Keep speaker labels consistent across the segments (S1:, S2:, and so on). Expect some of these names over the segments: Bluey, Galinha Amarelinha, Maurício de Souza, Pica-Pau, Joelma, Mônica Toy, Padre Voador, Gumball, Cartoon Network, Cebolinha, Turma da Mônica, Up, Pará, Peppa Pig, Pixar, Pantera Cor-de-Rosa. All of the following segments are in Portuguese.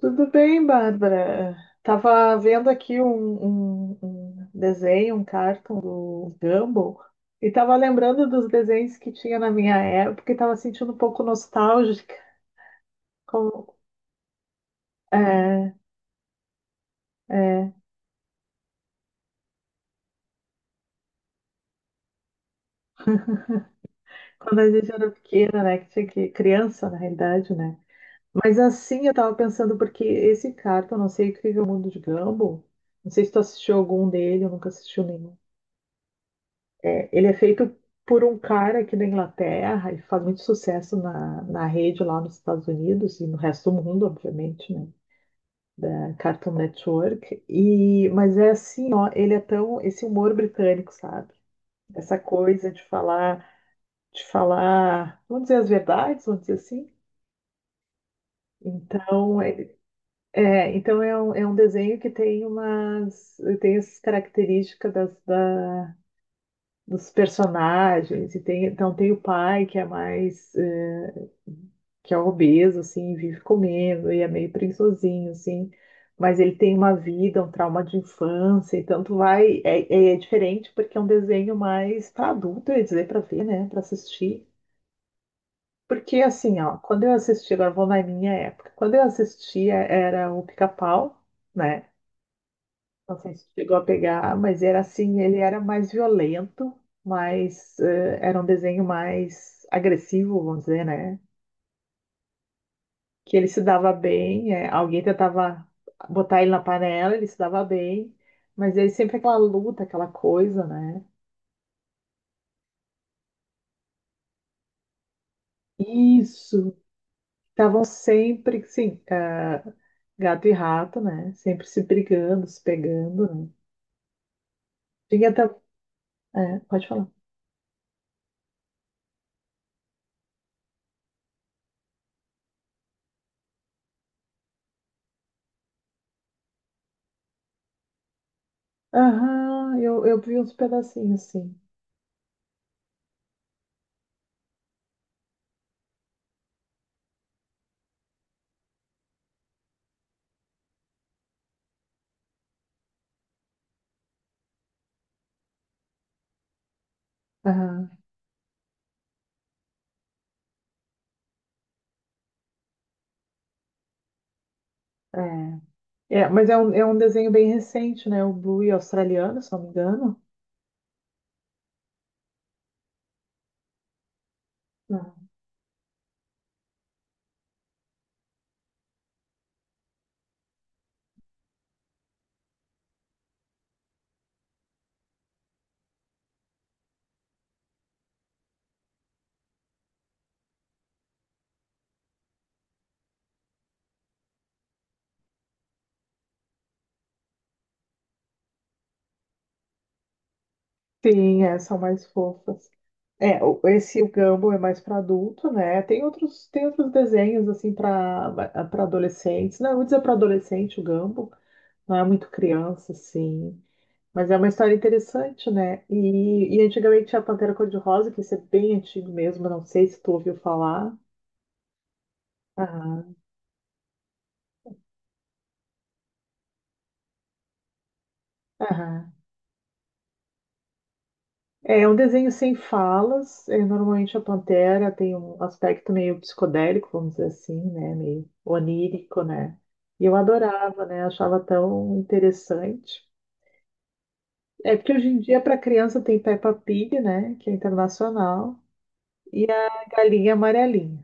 S1: Tudo bem, Bárbara? Tava vendo aqui um desenho, um cartoon do Gumball, e tava lembrando dos desenhos que tinha na minha época e tava sentindo um pouco nostálgica, como, é, é, quando a gente era pequena, né? Que tinha que, criança, na realidade, né? Mas assim, eu tava pensando, porque esse cartoon, não sei o que é o mundo de Gumball, não sei se tu assistiu algum dele, eu nunca assisti nenhum. É, ele é feito por um cara aqui da Inglaterra e faz muito sucesso na rede lá nos Estados Unidos e no resto do mundo, obviamente, né? Da Cartoon Network. E, mas é assim, ó, ele é tão, esse humor britânico, sabe? Essa coisa de falar, vamos dizer as verdades, vamos dizer assim. Então, é, então é um desenho que tem umas, tem essas características dos personagens, e tem, então tem o pai que é mais, que é obeso, assim, vive comendo e é meio preguiçosinho, assim, mas ele tem uma vida, um trauma de infância, então tu vai, é, é diferente porque é um desenho mais para adulto, eu ia dizer, para ver, né, para assistir. Porque assim, ó, quando eu assisti, agora eu vou na minha época, quando eu assistia era o Pica-Pau, né? Não sei se chegou a pegar, mas era assim, ele era mais violento, mas era um desenho mais agressivo, vamos dizer, né? Que ele se dava bem, alguém tentava botar ele na panela, ele se dava bem, mas ele sempre aquela luta, aquela coisa, né? Isso, estavam sempre, sim, gato e rato, né? Sempre se brigando, se pegando, né? Tinha até... é, pode falar. Aham, eu vi uns pedacinhos, sim. Aham, é. É, mas é um desenho bem recente, né? O Bluey australiano, se não me engano. Não. Sim, é, são mais fofas. É, o- esse o Gumball é mais para adulto, né? Tem outros desenhos assim para adolescentes. Não, eu vou dizer para adolescente o Gumball, não é muito criança assim, mas é uma história interessante, né? E antigamente tinha a Pantera Cor-de-Rosa, que isso é bem antigo mesmo, não sei se tu ouviu falar. Aham, aham. É um desenho sem falas. Normalmente a pantera tem um aspecto meio psicodélico, vamos dizer assim, né? Meio onírico, né? E eu adorava, né? Achava tão interessante. É porque hoje em dia, para criança, tem Peppa Pig, né? Que é internacional, e a Galinha Amarelinha,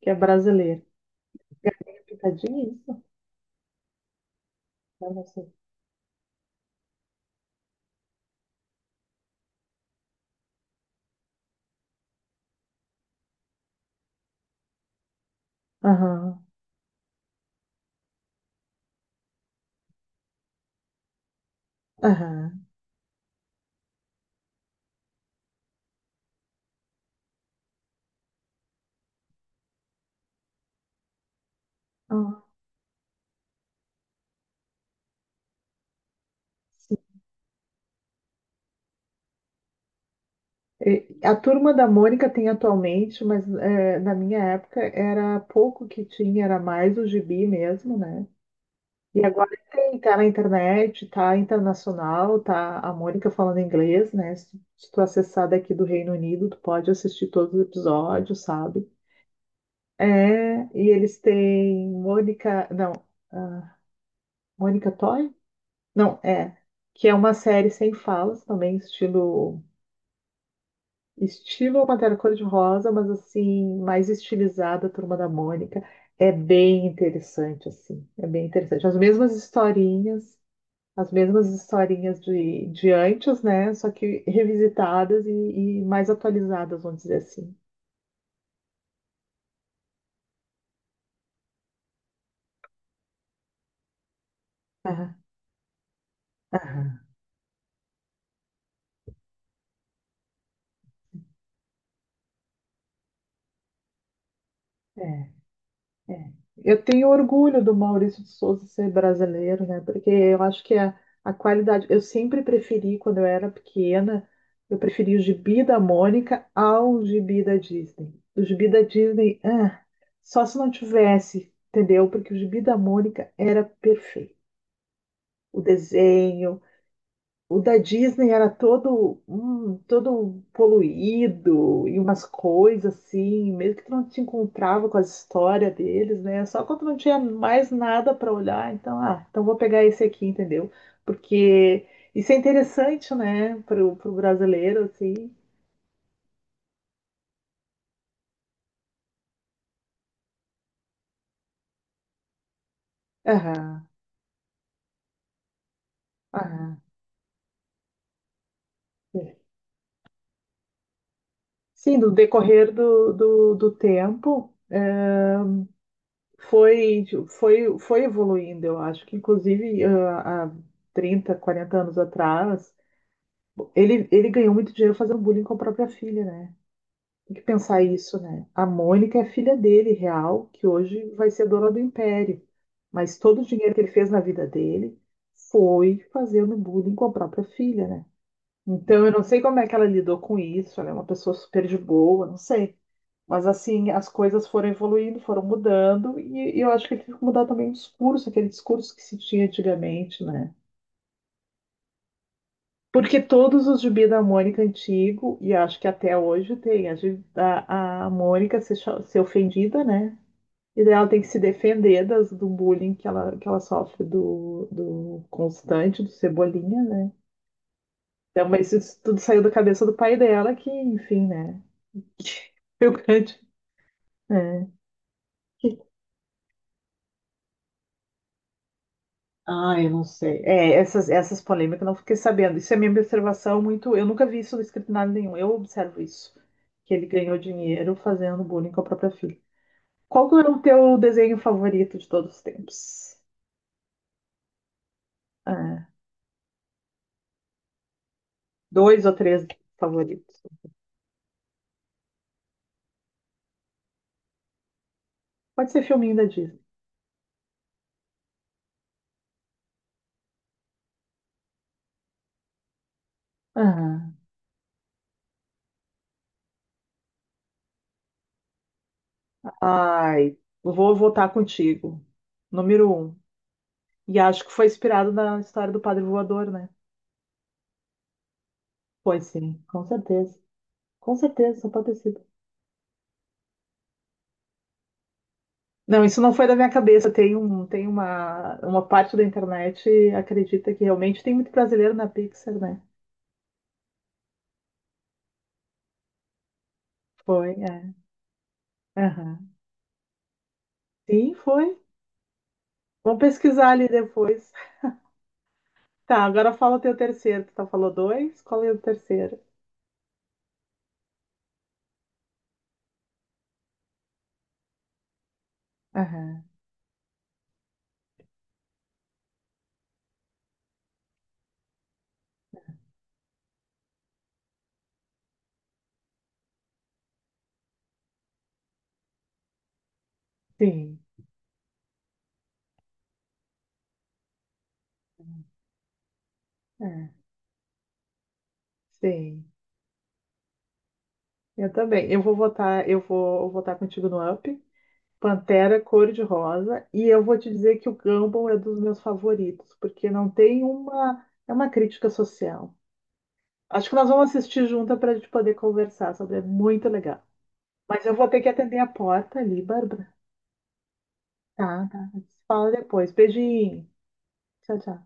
S1: que é brasileira. É Pitadinha, isso? Eu não sei. Aham, aham. Ah, A Turma da Mônica tem atualmente, mas na minha época era pouco que tinha, era mais o gibi mesmo, né? E agora tem, tá na internet, tá internacional, tá a Mônica falando inglês, né? Se tu acessar daqui do Reino Unido, tu pode assistir todos os episódios, sabe? É, e eles têm Mônica, não, ah, Mônica Toy? Não, é, que é uma série sem falas também, estilo estilo Pantera Cor-de-Rosa, mas assim, mais estilizada, Turma da Mônica. É bem interessante, assim. É bem interessante. As mesmas historinhas de antes, né? Só que revisitadas e mais atualizadas, vamos dizer assim. Aham, aham. É. É. Eu tenho orgulho do Maurício de Souza ser brasileiro, né? Porque eu acho que a qualidade. Eu sempre preferi, quando eu era pequena, eu preferi o gibi da Mônica ao gibi da Disney. O gibi da Disney, ah, só se não tivesse, entendeu? Porque o gibi da Mônica era perfeito. O desenho, o da Disney era todo, todo poluído e umas coisas assim, mesmo que tu não te encontrava com a história deles, né? Só quando não tinha mais nada para olhar, então vou pegar esse aqui, entendeu? Porque isso é interessante, né, pro brasileiro, assim. Aham, aham. Sim, no decorrer do tempo. Foi, foi evoluindo, eu acho que inclusive há 30 40 anos atrás, ele ganhou muito dinheiro fazendo bullying com a própria filha, né? Tem que pensar isso, né? A Mônica é a filha dele, real, que hoje vai ser dona do império. Mas todo o dinheiro que ele fez na vida dele foi fazendo bullying com a própria filha, né? Então eu não sei como é que ela lidou com isso, ela é uma pessoa super de boa, não sei. Mas assim, as coisas foram evoluindo, foram mudando, e eu acho que teve que mudar também o discurso, aquele discurso que se tinha antigamente, né? Porque todos os gibi da Mônica antigo, e acho que até hoje tem, a Mônica ser ofendida, né? E daí ela tem que se defender do bullying que ela sofre do Constante, do Cebolinha, né? Então, mas isso tudo saiu da cabeça do pai dela, que, enfim, né? Foi o grande. É. Ah, eu não sei. É, essas polêmicas eu não fiquei sabendo. Isso é minha observação muito. Eu nunca vi isso escrito em nada nenhum. Eu observo isso. Que ele ganhou dinheiro fazendo bullying com a própria filha. Qual que é o teu desenho favorito de todos os tempos? Ah, dois ou três favoritos. Pode ser filminho da Disney. Aham. Ai, vou votar contigo. Número um. E acho que foi inspirado na história do Padre Voador, né? Pois sim, com certeza. Com certeza, só pode ser. Não, isso não foi da minha cabeça. Tem uma parte da internet acredita que realmente tem muito brasileiro na Pixar, né? Foi, é. Aham. Sim, foi. Vamos pesquisar ali depois. Tá, agora fala o teu terceiro. Tu tá falou dois? Qual é o terceiro? Aham. Sim. É, sim. Eu também. Eu vou votar contigo no Up. Pantera cor-de-rosa. E eu vou te dizer que o Gumball é dos meus favoritos, porque não tem uma. É uma crítica social. Acho que nós vamos assistir juntas para a gente poder conversar sobre. É muito legal. Mas eu vou ter que atender a porta ali, Bárbara. Tá, tá. A gente se fala depois. Beijinho. Tchau, tchau.